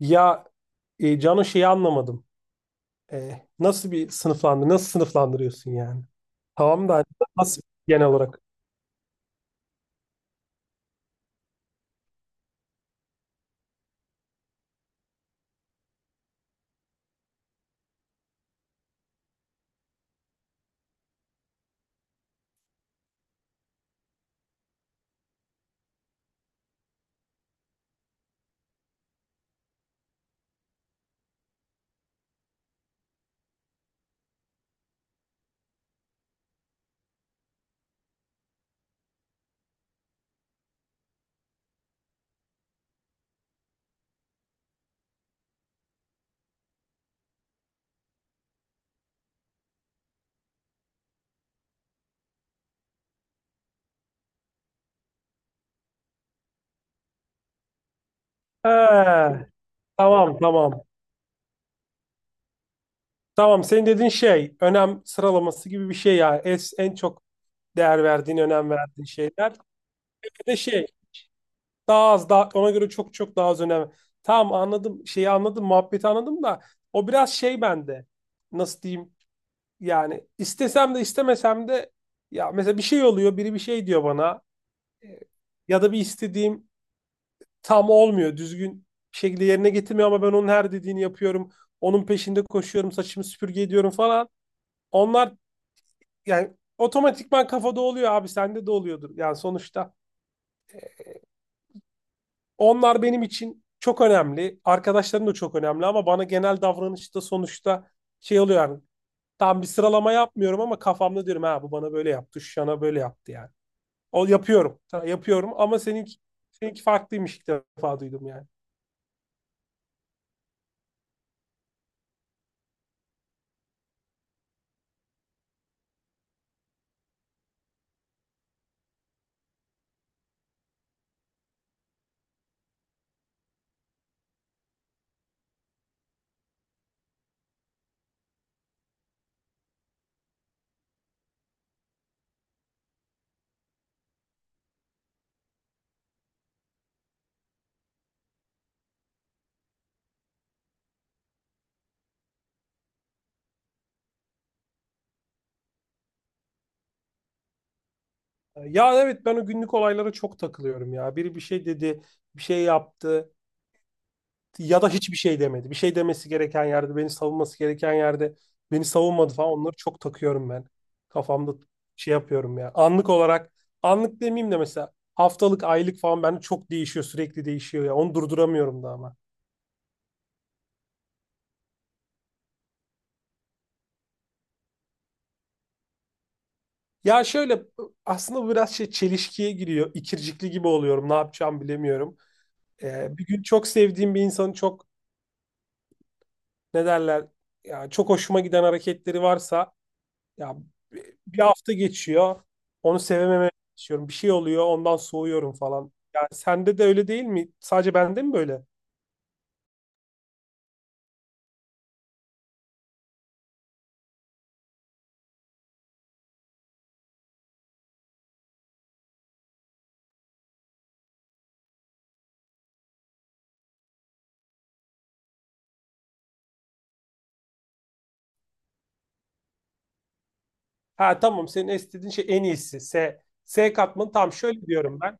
Ya Cano şeyi anlamadım. Nasıl bir nasıl sınıflandırıyorsun yani? Tamam da hani nasıl genel olarak? He, tamam, tamam. Tamam, senin dediğin şey önem sıralaması gibi bir şey ya. Es, en çok değer verdiğin, önem verdiğin şeyler. Bir de şey, daha az ona göre çok çok daha az önem. Tamam, anladım, şeyi anladım, muhabbeti anladım da o biraz şey bende. Nasıl diyeyim, yani istesem de istemesem de, ya mesela bir şey oluyor, biri bir şey diyor bana, ya da bir istediğim tam olmuyor. Düzgün bir şekilde yerine getirmiyor ama ben onun her dediğini yapıyorum. Onun peşinde koşuyorum, saçımı süpürge ediyorum falan. Onlar yani otomatikman kafada oluyor abi, sende de oluyordur. Yani sonuçta onlar benim için çok önemli. Arkadaşlarım da çok önemli ama bana genel davranışta sonuçta şey oluyor yani. Tam bir sıralama yapmıyorum ama kafamda diyorum, ha bu bana böyle yaptı, şu yana böyle yaptı yani. O yapıyorum. Tamam, yapıyorum ama seninki, seninki farklıymış, ilk defa duydum yani. Ya evet, ben o günlük olaylara çok takılıyorum ya. Biri bir şey dedi, bir şey yaptı ya da hiçbir şey demedi. Bir şey demesi gereken yerde, beni savunması gereken yerde beni savunmadı falan. Onları çok takıyorum ben. Kafamda şey yapıyorum ya. Anlık olarak, anlık demeyeyim de mesela haftalık, aylık falan bende çok değişiyor, sürekli değişiyor ya. Onu durduramıyorum da ama. Ya şöyle, aslında bu biraz şey, çelişkiye giriyor. İkircikli gibi oluyorum. Ne yapacağımı bilemiyorum. Bir gün çok sevdiğim bir insanı çok, ne derler, ya çok hoşuma giden hareketleri varsa ya, bir hafta geçiyor, onu sevememeye başlıyorum. Bir şey oluyor, ondan soğuyorum falan. Yani sende de öyle değil mi? Sadece bende mi böyle? Ha tamam, senin istediğin şey en iyisi. S. S katmanı tam şöyle diyorum ben.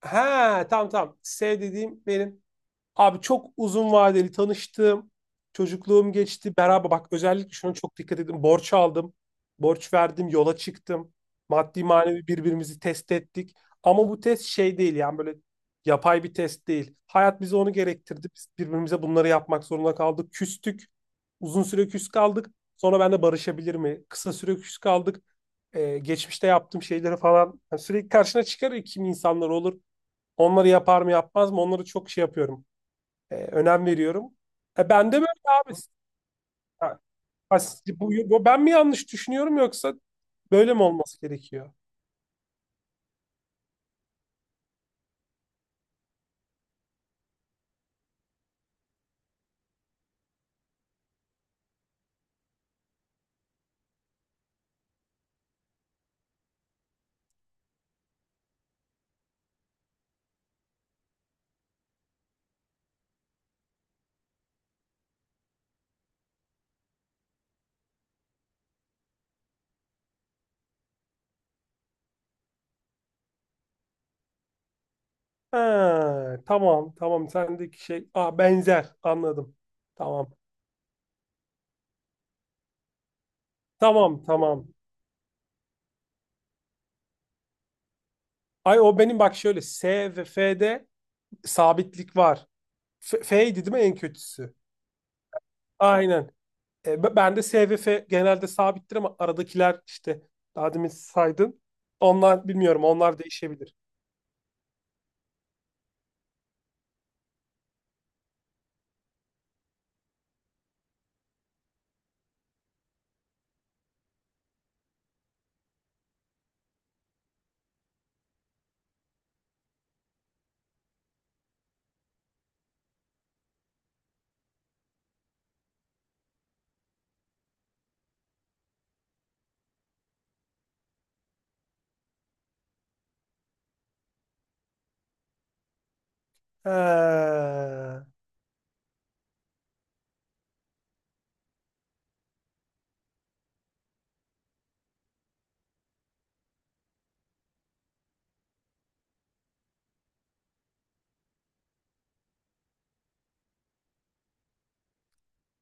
Ha, tamam tamam. S dediğim benim, abi çok uzun vadeli tanıştım. Çocukluğum geçti. Beraber bak, özellikle şuna çok dikkat edin. Borç aldım. Borç verdim. Yola çıktım. Maddi manevi birbirimizi test ettik. Ama bu test şey değil yani, böyle yapay bir test değil. Hayat bize onu gerektirdi. Biz birbirimize bunları yapmak zorunda kaldık. Küstük. Uzun süre küs kaldık. Sonra ben de barışabilir mi? Kısa süre küs kaldık. Geçmişte yaptığım şeyleri falan. Yani sürekli karşına çıkar ya, kim insanlar olur. Onları yapar mı yapmaz mı? Onları çok şey yapıyorum. Önem veriyorum. Ben de böyle abi. Ha, ha, bu, ben mi yanlış düşünüyorum, yoksa böyle mi olması gerekiyor? Ha, tamam tamam, sendeki şey ah benzer, anladım. Tamam. Tamam tamam. Ay o benim, bak şöyle S ve F'de sabitlik var. F, F'ydi değil mi en kötüsü? Aynen. Ben de SVF genelde sabittir ama aradakiler işte daha demin saydın. Onlar bilmiyorum, onlar değişebilir. Ha.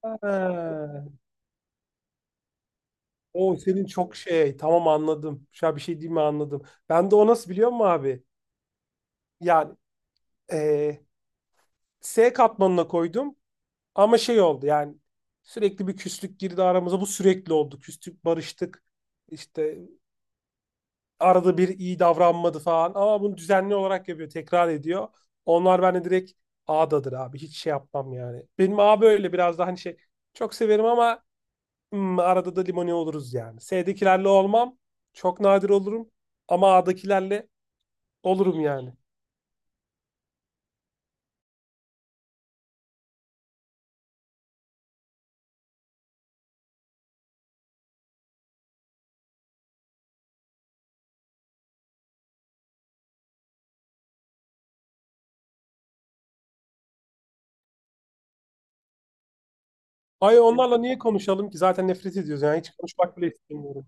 Ha. O senin çok şey, tamam anladım. Şu an bir şey diyeyim mi, anladım. Ben de o, nasıl biliyor musun abi? Yani eee, S katmanına koydum ama şey oldu yani, sürekli bir küslük girdi aramıza. Bu sürekli oldu. Küstük, barıştık. İşte arada bir iyi davranmadı falan ama bunu düzenli olarak yapıyor, tekrar ediyor. Onlar bende direkt A'dadır abi. Hiç şey yapmam yani. Benim A böyle biraz daha hani şey, çok severim ama arada da limoni oluruz yani. S'dekilerle olmam. Çok nadir olurum ama A'dakilerle olurum yani. Ay, onlarla niye konuşalım ki? Zaten nefret ediyoruz yani. Hiç konuşmak bile istemiyorum.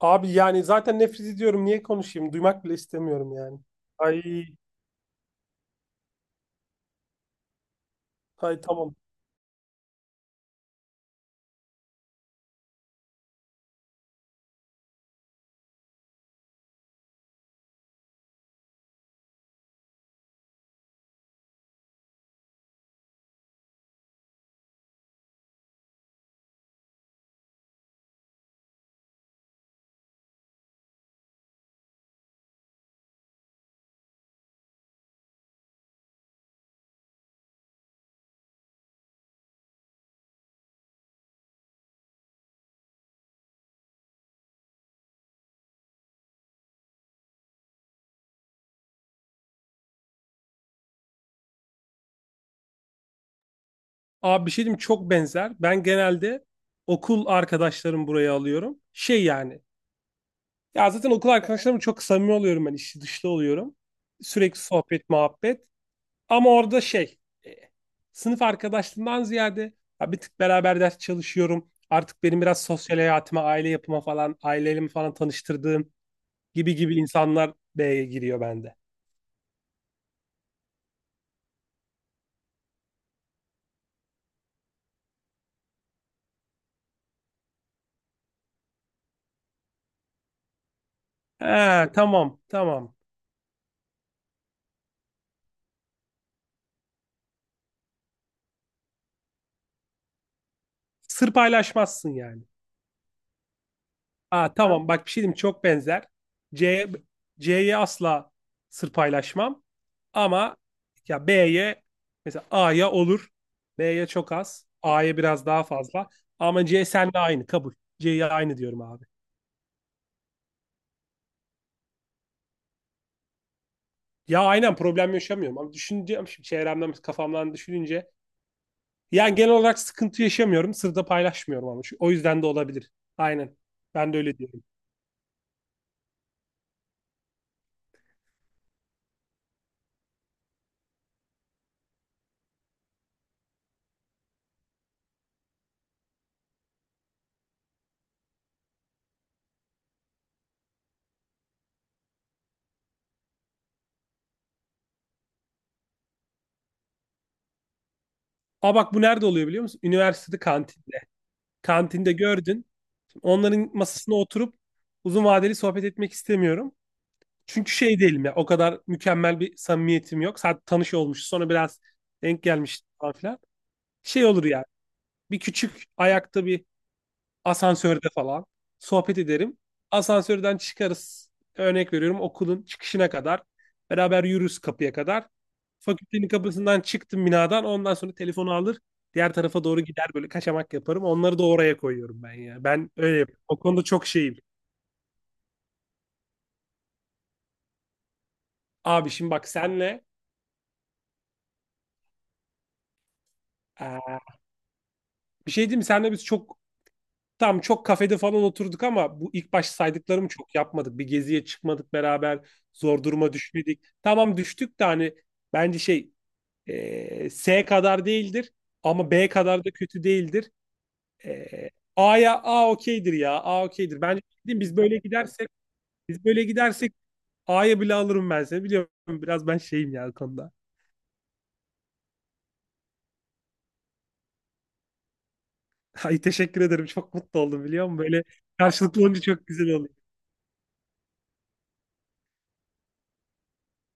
Abi yani zaten nefret ediyorum. Niye konuşayım? Duymak bile istemiyorum yani. Ay, ay tamam. Abi bir şey diyeyim, çok benzer. Ben genelde okul arkadaşlarımı buraya alıyorum. Şey yani. Ya zaten okul arkadaşlarımla çok samimi oluyorum ben, içli dışlı oluyorum. Sürekli sohbet, muhabbet. Ama orada şey. e, Sınıf arkadaşlığından ziyade ya bir tık beraber ders çalışıyorum. Artık benim biraz sosyal hayatıma, aile yapıma falan, ailemi falan tanıştırdığım gibi gibi insanlar B'ye giriyor bende. Ha, tamam tamam. Sır paylaşmazsın yani. Aa, tamam bak, bir şey diyeyim, çok benzer. C C'ye asla sır paylaşmam. Ama ya B'ye, mesela A'ya olur. B'ye çok az. A'ya biraz daha fazla. Ama C seninle aynı kabul. C'ye aynı diyorum abi. Ya aynen, problem yaşamıyorum ama düşüneceğim şimdi, çevremden kafamdan düşününce yani genel olarak sıkıntı yaşamıyorum. Sırda paylaşmıyorum ama o yüzden de olabilir. Aynen. Ben de öyle diyorum. Aa bak, bu nerede oluyor biliyor musun? Üniversitede, kantinde. Kantinde gördün. Onların masasına oturup uzun vadeli sohbet etmek istemiyorum. Çünkü şey değilim ya, o kadar mükemmel bir samimiyetim yok. Sadece tanış olmuş sonra biraz denk gelmiş falan filan. Şey olur yani, bir küçük ayakta bir, asansörde falan sohbet ederim. Asansörden çıkarız. Örnek veriyorum, okulun çıkışına kadar. Beraber yürürüz kapıya kadar. Fakültenin kapısından çıktım binadan. Ondan sonra telefonu alır. Diğer tarafa doğru gider, böyle kaçamak yaparım. Onları da oraya koyuyorum ben ya. Ben öyle yapıyorum. O konuda çok şeyim. Abi şimdi bak, senle eee, bir şey diyeyim mi? Senle biz çok, çok kafede falan oturduk ama bu ilk başta saydıklarımı çok yapmadık. Bir geziye çıkmadık beraber. Zor duruma düşmedik. Tamam düştük de hani, bence şey. E, S kadar değildir ama B kadar da kötü değildir. E, A'ya, A okeydir ya. A okeydir. Bence değil mi? Biz böyle gidersek, biz böyle gidersek A'ya bile alırım ben seni. Biliyorum, biraz ben şeyim ya bu konuda. Ay teşekkür ederim. Çok mutlu oldum biliyor musun? Böyle karşılıklı olunca çok güzel oldu.